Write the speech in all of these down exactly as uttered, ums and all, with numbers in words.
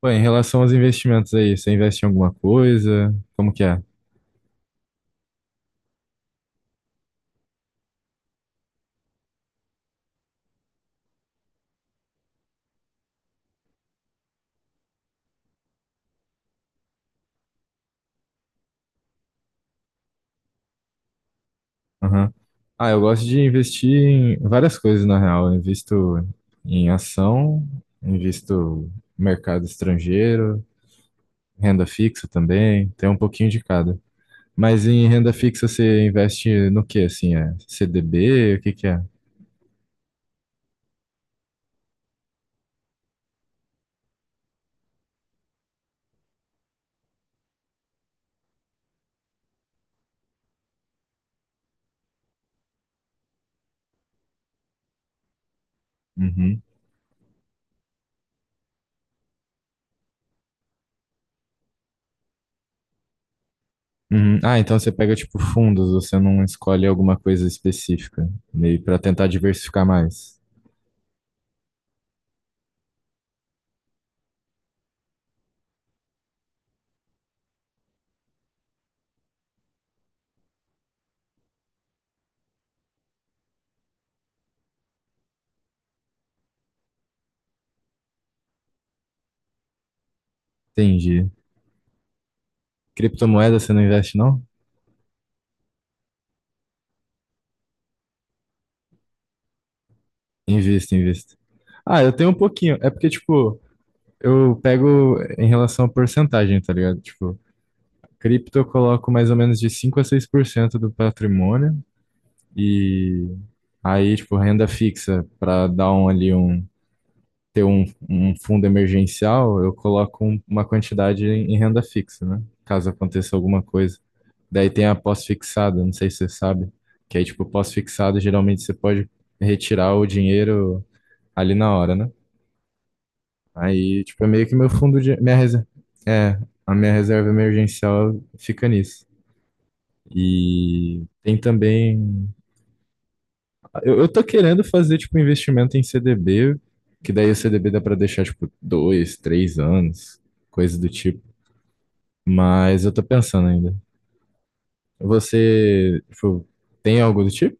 Pô, em relação aos investimentos aí, você investe em alguma coisa? Como que é? Aham. Ah, eu gosto de investir em várias coisas, na real. Eu invisto em ação, invisto em mercado estrangeiro, renda fixa também, tem um pouquinho de cada. Mas em renda fixa você investe no que assim? É C D B? O que que é? Uhum. Uhum. Ah, então você pega tipo fundos, você não escolhe alguma coisa específica, meio para tentar diversificar mais. Entendi. Criptomoeda você não investe, não? Invisto, invisto. Ah, eu tenho um pouquinho. É porque, tipo, eu pego em relação à porcentagem, tá ligado? Tipo, cripto eu coloco mais ou menos de cinco a seis por cento do patrimônio. E aí, tipo, renda fixa, pra dar um ali um. Ter um, um fundo emergencial, eu coloco um- uma quantidade em, em renda fixa, né? Caso aconteça alguma coisa. Daí tem a pós-fixada, não sei se você sabe. Que aí, tipo, pós-fixada, geralmente você pode retirar o dinheiro ali na hora, né? Aí, tipo, é meio que meu fundo de. Minha reserva. É, a minha reserva emergencial fica nisso. E tem também. Eu, eu tô querendo fazer, tipo, investimento em C D B, que daí o C D B dá pra deixar, tipo, dois, três anos, coisa do tipo. Mas eu tô pensando ainda. Você, tipo, tem algo do tipo?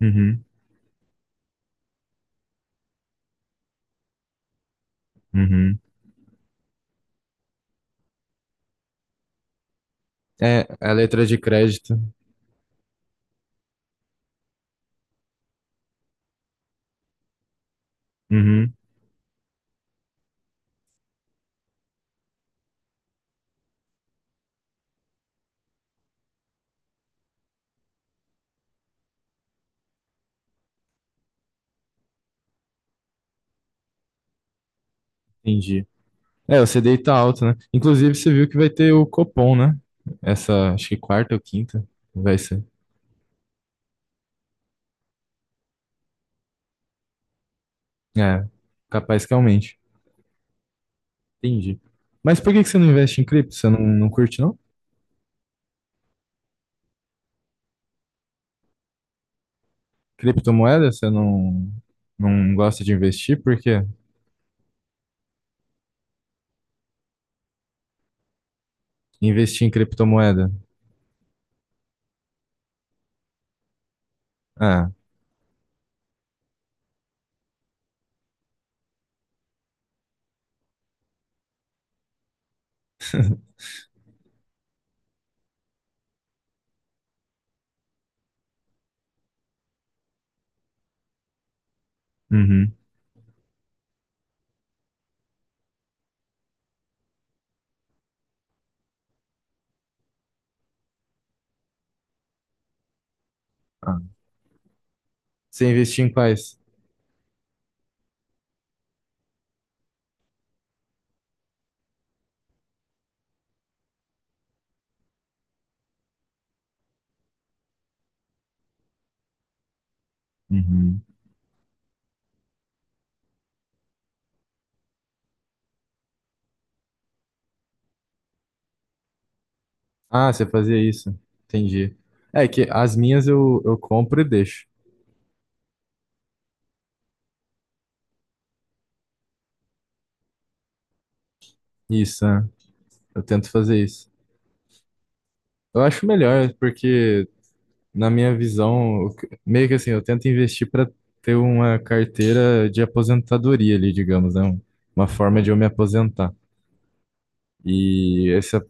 Uhum, uhum. É, a letra de crédito. Uhum, entendi. É, o C CDI tá alto, né? Inclusive, você viu que vai ter o Copom, né? Essa, acho que quarta ou quinta vai ser. É, capaz que aumente. Entendi. Mas por que que você não investe em cripto? Você não, não curte, não? Criptomoeda? Você não, não gosta de investir? Por quê? Investir em criptomoeda? Ah, uhum. Ah. Você investia em quais? Uhum. Ah, você fazia isso. Entendi. É que as minhas eu, eu compro e deixo. Isso, né? Eu tento fazer isso. Eu acho melhor, porque na minha visão, o que- meio que assim, eu tento investir para ter uma carteira de aposentadoria ali, digamos, né? Um- Uma forma de eu me aposentar. E essa,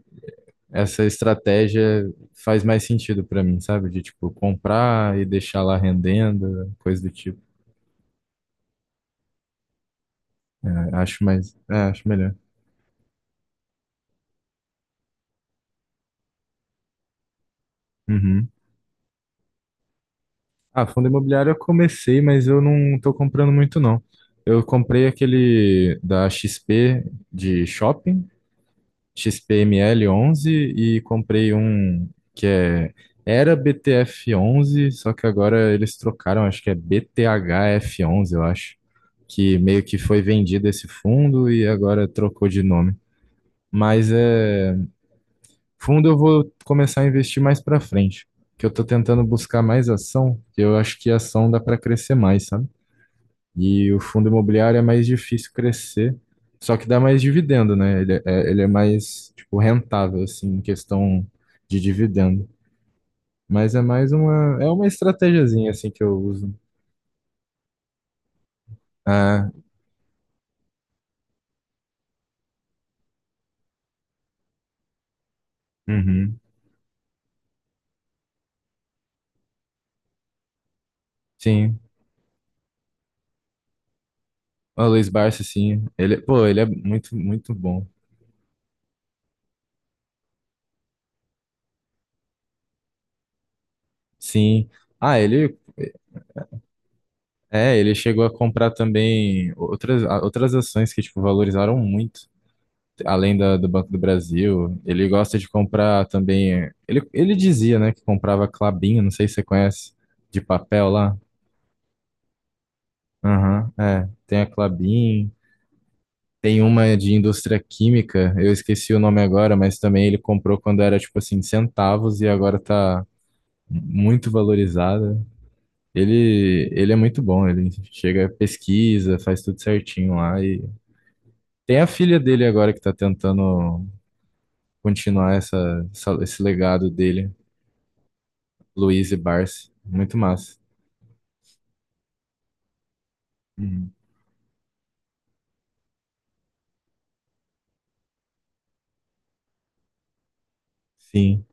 essa estratégia faz mais sentido para mim, sabe? De tipo comprar e deixar lá rendendo, coisa do tipo. É, acho mais, é, acho melhor. Uhum. Ah, fundo imobiliário eu comecei, mas eu não tô comprando muito não. Eu comprei aquele da X P de shopping. X P M L onze e comprei um que é era B T F onze, só que agora eles trocaram, acho que é B T H F onze, eu acho, que meio que foi vendido esse fundo e agora trocou de nome. Mas é fundo eu vou começar a investir mais para frente, que eu tô tentando buscar mais ação, que eu acho que a ação dá para crescer mais, sabe? E o fundo imobiliário é mais difícil crescer, só que dá mais dividendo, né? Ele é, é, ele é mais, tipo, rentável, assim, em questão de dividendo. Mas é mais uma, é uma estratégiazinha, assim, que eu uso. Ah, uhum, sim. O Luiz Barsi, sim. Ele, pô, ele é muito, muito bom. Sim. Ah, ele, é, ele chegou a comprar também outras, outras ações que, tipo, valorizaram muito. Além da- do Banco do Brasil, ele gosta de comprar também. Ele, ele dizia, né, que comprava Klabin, não sei se você conhece, de papel lá. Aham, é. Tem a Klabin, tem uma de indústria química, eu esqueci o nome agora, mas também ele comprou quando era tipo assim, centavos e agora tá muito valorizada. Ele, ele é muito bom, ele chega, pesquisa, faz tudo certinho lá e tem a filha dele agora que tá tentando continuar essa, essa- esse legado dele. Luiz e Barsi. Muito massa. Uhum. Sim,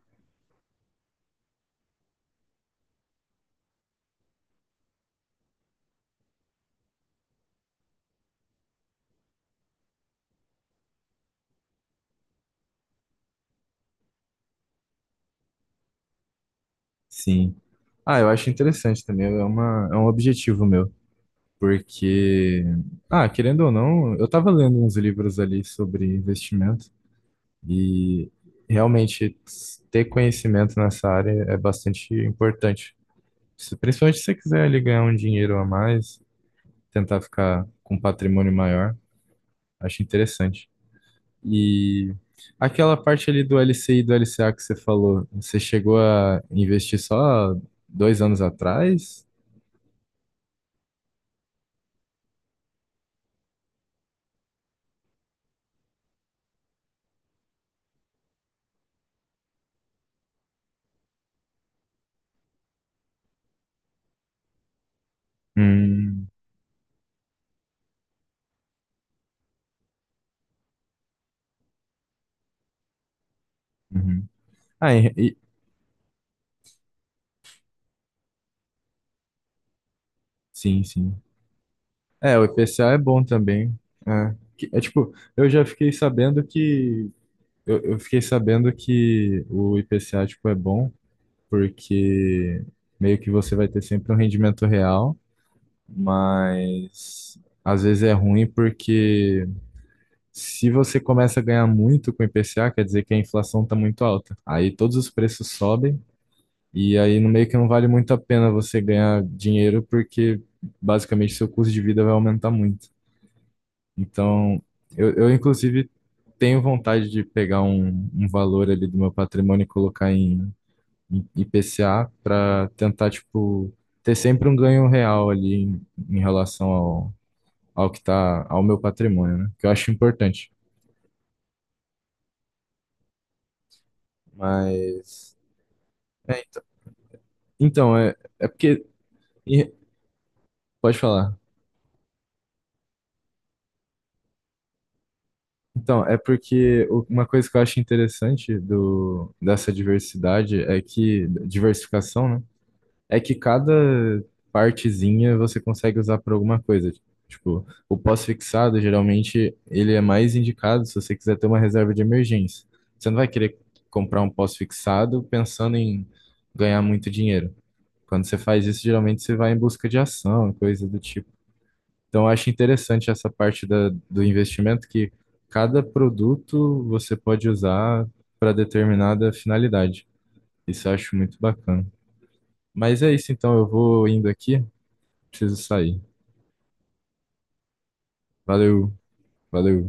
sim. Ah, eu acho interessante também. É uma, é um objetivo meu. Porque, ah, querendo ou não, eu estava lendo uns livros ali sobre investimento e realmente ter conhecimento nessa área é bastante importante. Se- Principalmente se você quiser ali ganhar um dinheiro a mais, tentar ficar com um patrimônio maior, acho interessante. E aquela parte ali do L C I e do L C A que você falou, você chegou a investir só dois anos atrás? Hum, uhum. Ah, e- e- sim, sim. É, o I P C A é bom também. É, Que- é tipo, eu já fiquei sabendo que eu, eu fiquei sabendo que o I P C A tipo é bom porque meio que você vai ter sempre um rendimento real, mas às vezes é ruim porque se você começa a ganhar muito com o I P C A, quer dizer que a inflação está muito alta. Aí todos os preços sobem e aí no meio que não vale muito a pena você ganhar dinheiro porque basicamente seu custo de vida vai aumentar muito. Então, eu, eu inclusive tenho vontade de pegar um, um valor ali do meu patrimônio e colocar em, em I P C A para tentar, tipo, ter sempre um ganho real ali em, em relação ao, ao que tá, ao meu patrimônio, né? Que eu acho importante. Mas é, então, então, é, é porque. e- Pode falar. Então, é porque o- uma coisa que eu acho interessante do, dessa diversidade é que. Diversificação, né? É que cada partezinha você consegue usar para alguma coisa. Tipo, o pós-fixado, geralmente, ele é mais indicado se você quiser ter uma reserva de emergência. Você não vai querer comprar um pós-fixado pensando em ganhar muito dinheiro. Quando você faz isso, geralmente você vai em busca de ação, coisa do tipo. Então, eu acho interessante essa parte da, do investimento que cada produto você pode usar para determinada finalidade. Isso eu acho muito bacana. Mas é isso, então, eu vou indo aqui, preciso sair. Valeu, valeu.